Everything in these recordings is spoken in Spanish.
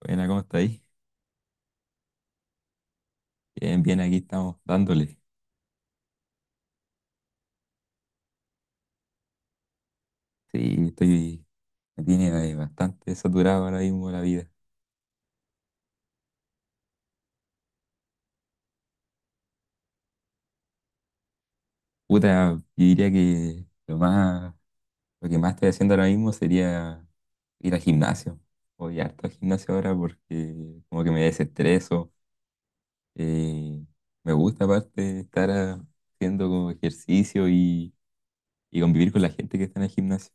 Buena, ¿cómo está ahí? Bien, bien, aquí estamos dándole. Sí, estoy, me tiene bastante saturado ahora mismo la vida. Puta, yo diría que lo que más estoy haciendo ahora mismo sería ir al gimnasio. Voy harto al gimnasio ahora porque como que me desestreso. eh, Me gusta aparte estar haciendo como ejercicio y convivir con la gente que está en el gimnasio.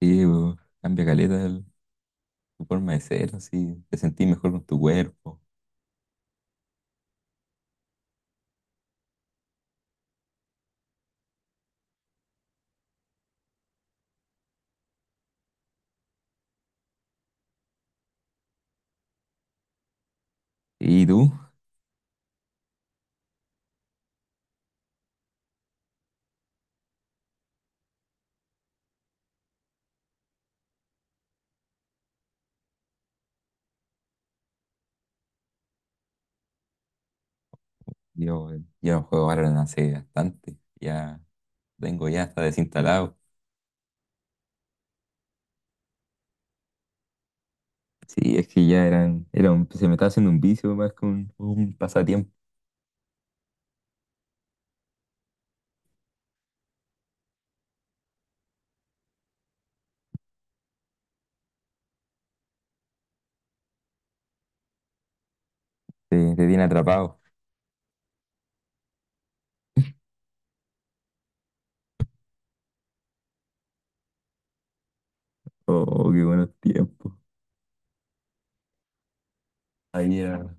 Sí, pues, cambia caleta tu forma de ser, así, te sentís mejor con tu cuerpo. Sí, ¿y tú? Yo, yo no juego Valorant hace bastante. Ya tengo ya hasta desinstalado. Sí, es que se me estaba haciendo un vicio más que un pasatiempo. Te tiene atrapado. Oh, qué buenos tiempos. Ahí era,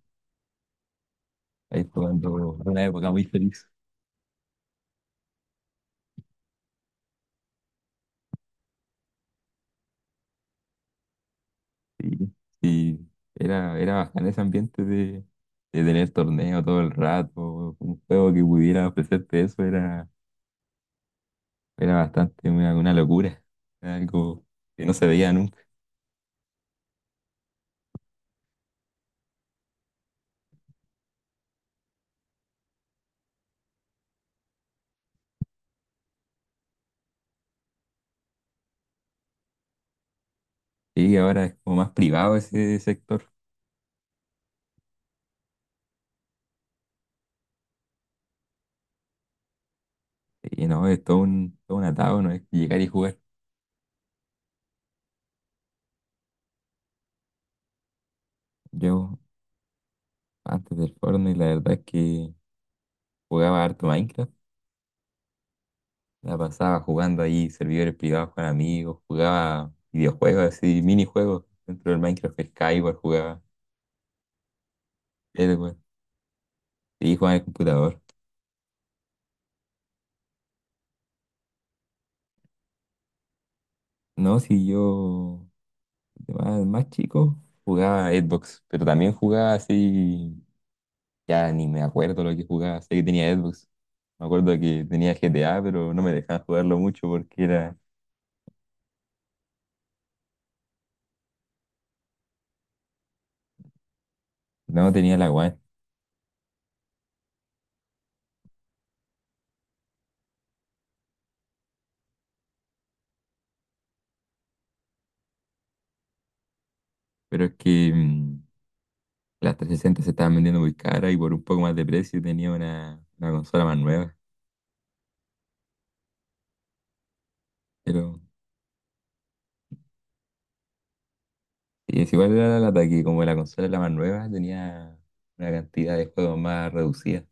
ahí jugando una época muy feliz. Sí, sí. Era bacán ese ambiente de tener torneo todo el rato. Un juego que pudiera ofrecerte eso era, era bastante una locura. Era algo que no se veía. Y ahora es como más privado ese sector. Y no, es todo un atado, no es llegar y jugar. Yo antes del Fortnite, la verdad es que jugaba harto Minecraft. La pasaba jugando ahí servidores privados con amigos, jugaba videojuegos así, minijuegos dentro del Minecraft, Skyward jugaba, Edward, y jugaba en el computador. No, si yo más chico jugaba Xbox, pero también jugaba así. Ya ni me acuerdo lo que jugaba. Sé que tenía Xbox. Me acuerdo que tenía GTA, pero no me dejaban jugarlo mucho porque era... No tenía la One. Pero es que las 360 se estaban vendiendo muy cara y por un poco más de precio tenía una consola más nueva. Pero sí, es igual era la lata que como la consola era la más nueva, tenía una cantidad de juegos más reducida.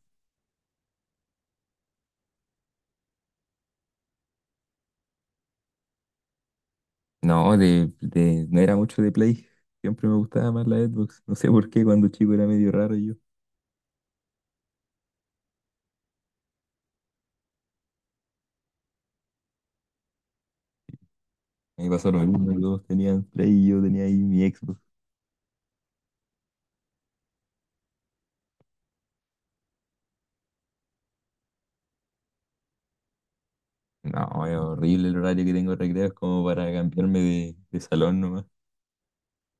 No, no era mucho de Play. Siempre me gustaba más la Xbox. No sé por qué cuando chico era medio raro yo. A mí pasó lo mismo, todos tenían Play y yo tenía ahí mi Xbox. No, es horrible el horario que tengo de recreo, es como para cambiarme de salón nomás,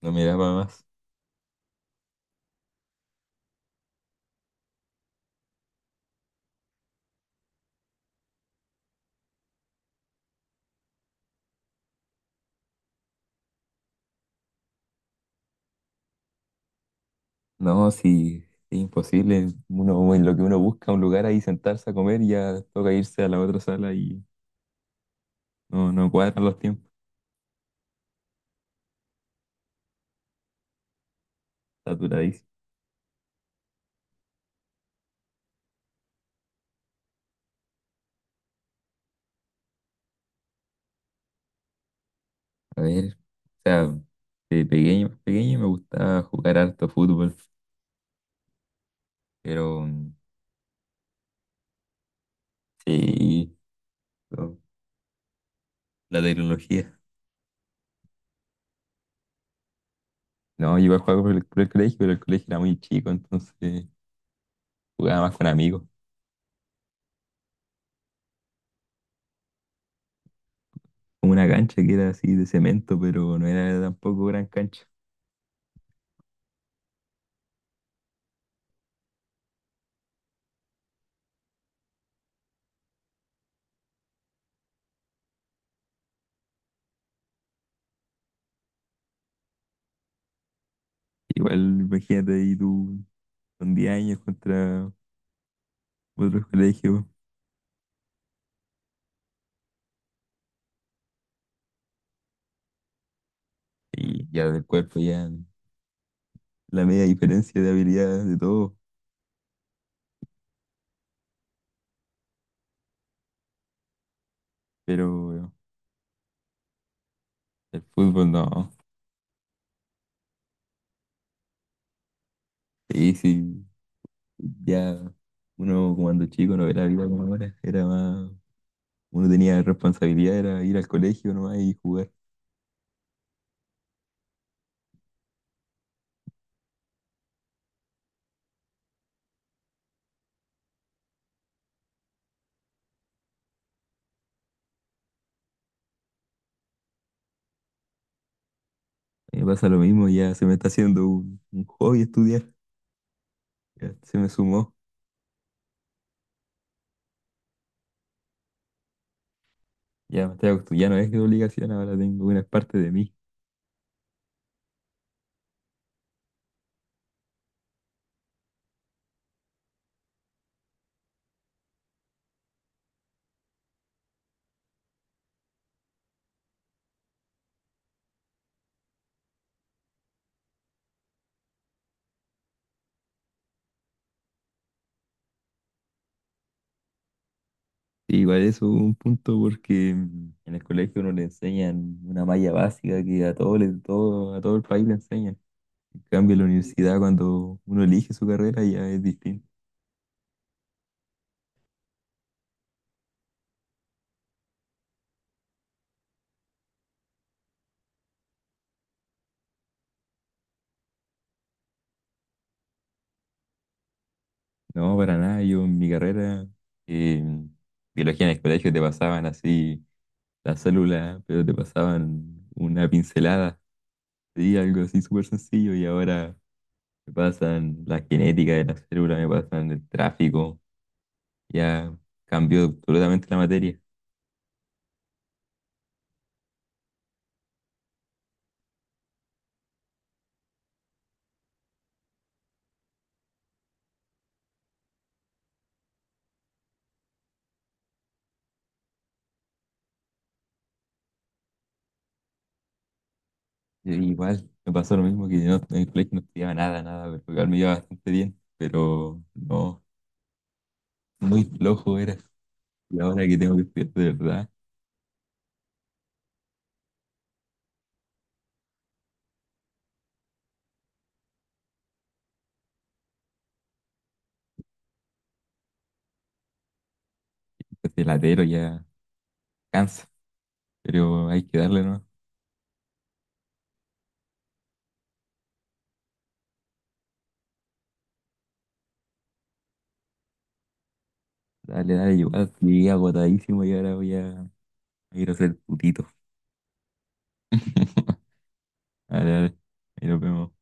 no me da para más. No, sí, es imposible, uno, en lo que uno busca un lugar ahí sentarse a comer, ya toca irse a la otra sala y no, no cuadran los tiempos, saturadísimo. A ver, o sea, de pequeño, más pequeño me gustaba jugar harto fútbol, pero sí, con la tecnología. No, yo iba a jugar por por el colegio, pero el colegio era muy chico, entonces jugaba más con amigos. Una cancha que era así de cemento, pero no era tampoco gran cancha. Igual, imagínate ahí tú con 10 años contra otros colegios y ya del cuerpo ya la media diferencia de habilidades de todo, pero el fútbol no. Sí, sí, ya uno cuando chico no era la vida como ahora, era más, uno tenía responsabilidad, era ir al colegio nomás y jugar. Me pasa lo mismo, ya se me está haciendo un hobby estudiar, ya se me sumó. Ya me estoy acostumbrado, ya no es de obligación, ahora tengo una parte de mí. Sí, igual eso es un punto porque en el colegio no le enseñan una malla básica que a todo el país le enseñan. En cambio, en la universidad, cuando uno elige su carrera, ya es distinto. No, para nada, yo en mi carrera, eh, biología en el colegio te pasaban así las células pero te pasaban una pincelada, sí, algo así súper sencillo, y ahora me pasan la genética de las células me pasan el tráfico. Ya cambió absolutamente la materia. Y igual me pasó lo mismo que yo no- en el colegio no estudiaba nada, nada, pero igual me iba bastante bien, pero no, muy flojo era. Y ahora que tengo que estudiar de verdad, este latero ya cansa, pero hay que darle, ¿no? Dale, dale, igual llegué agotadísimo y ahora voy a ir a hacer putito. Dale, dale, ahí nos vemos.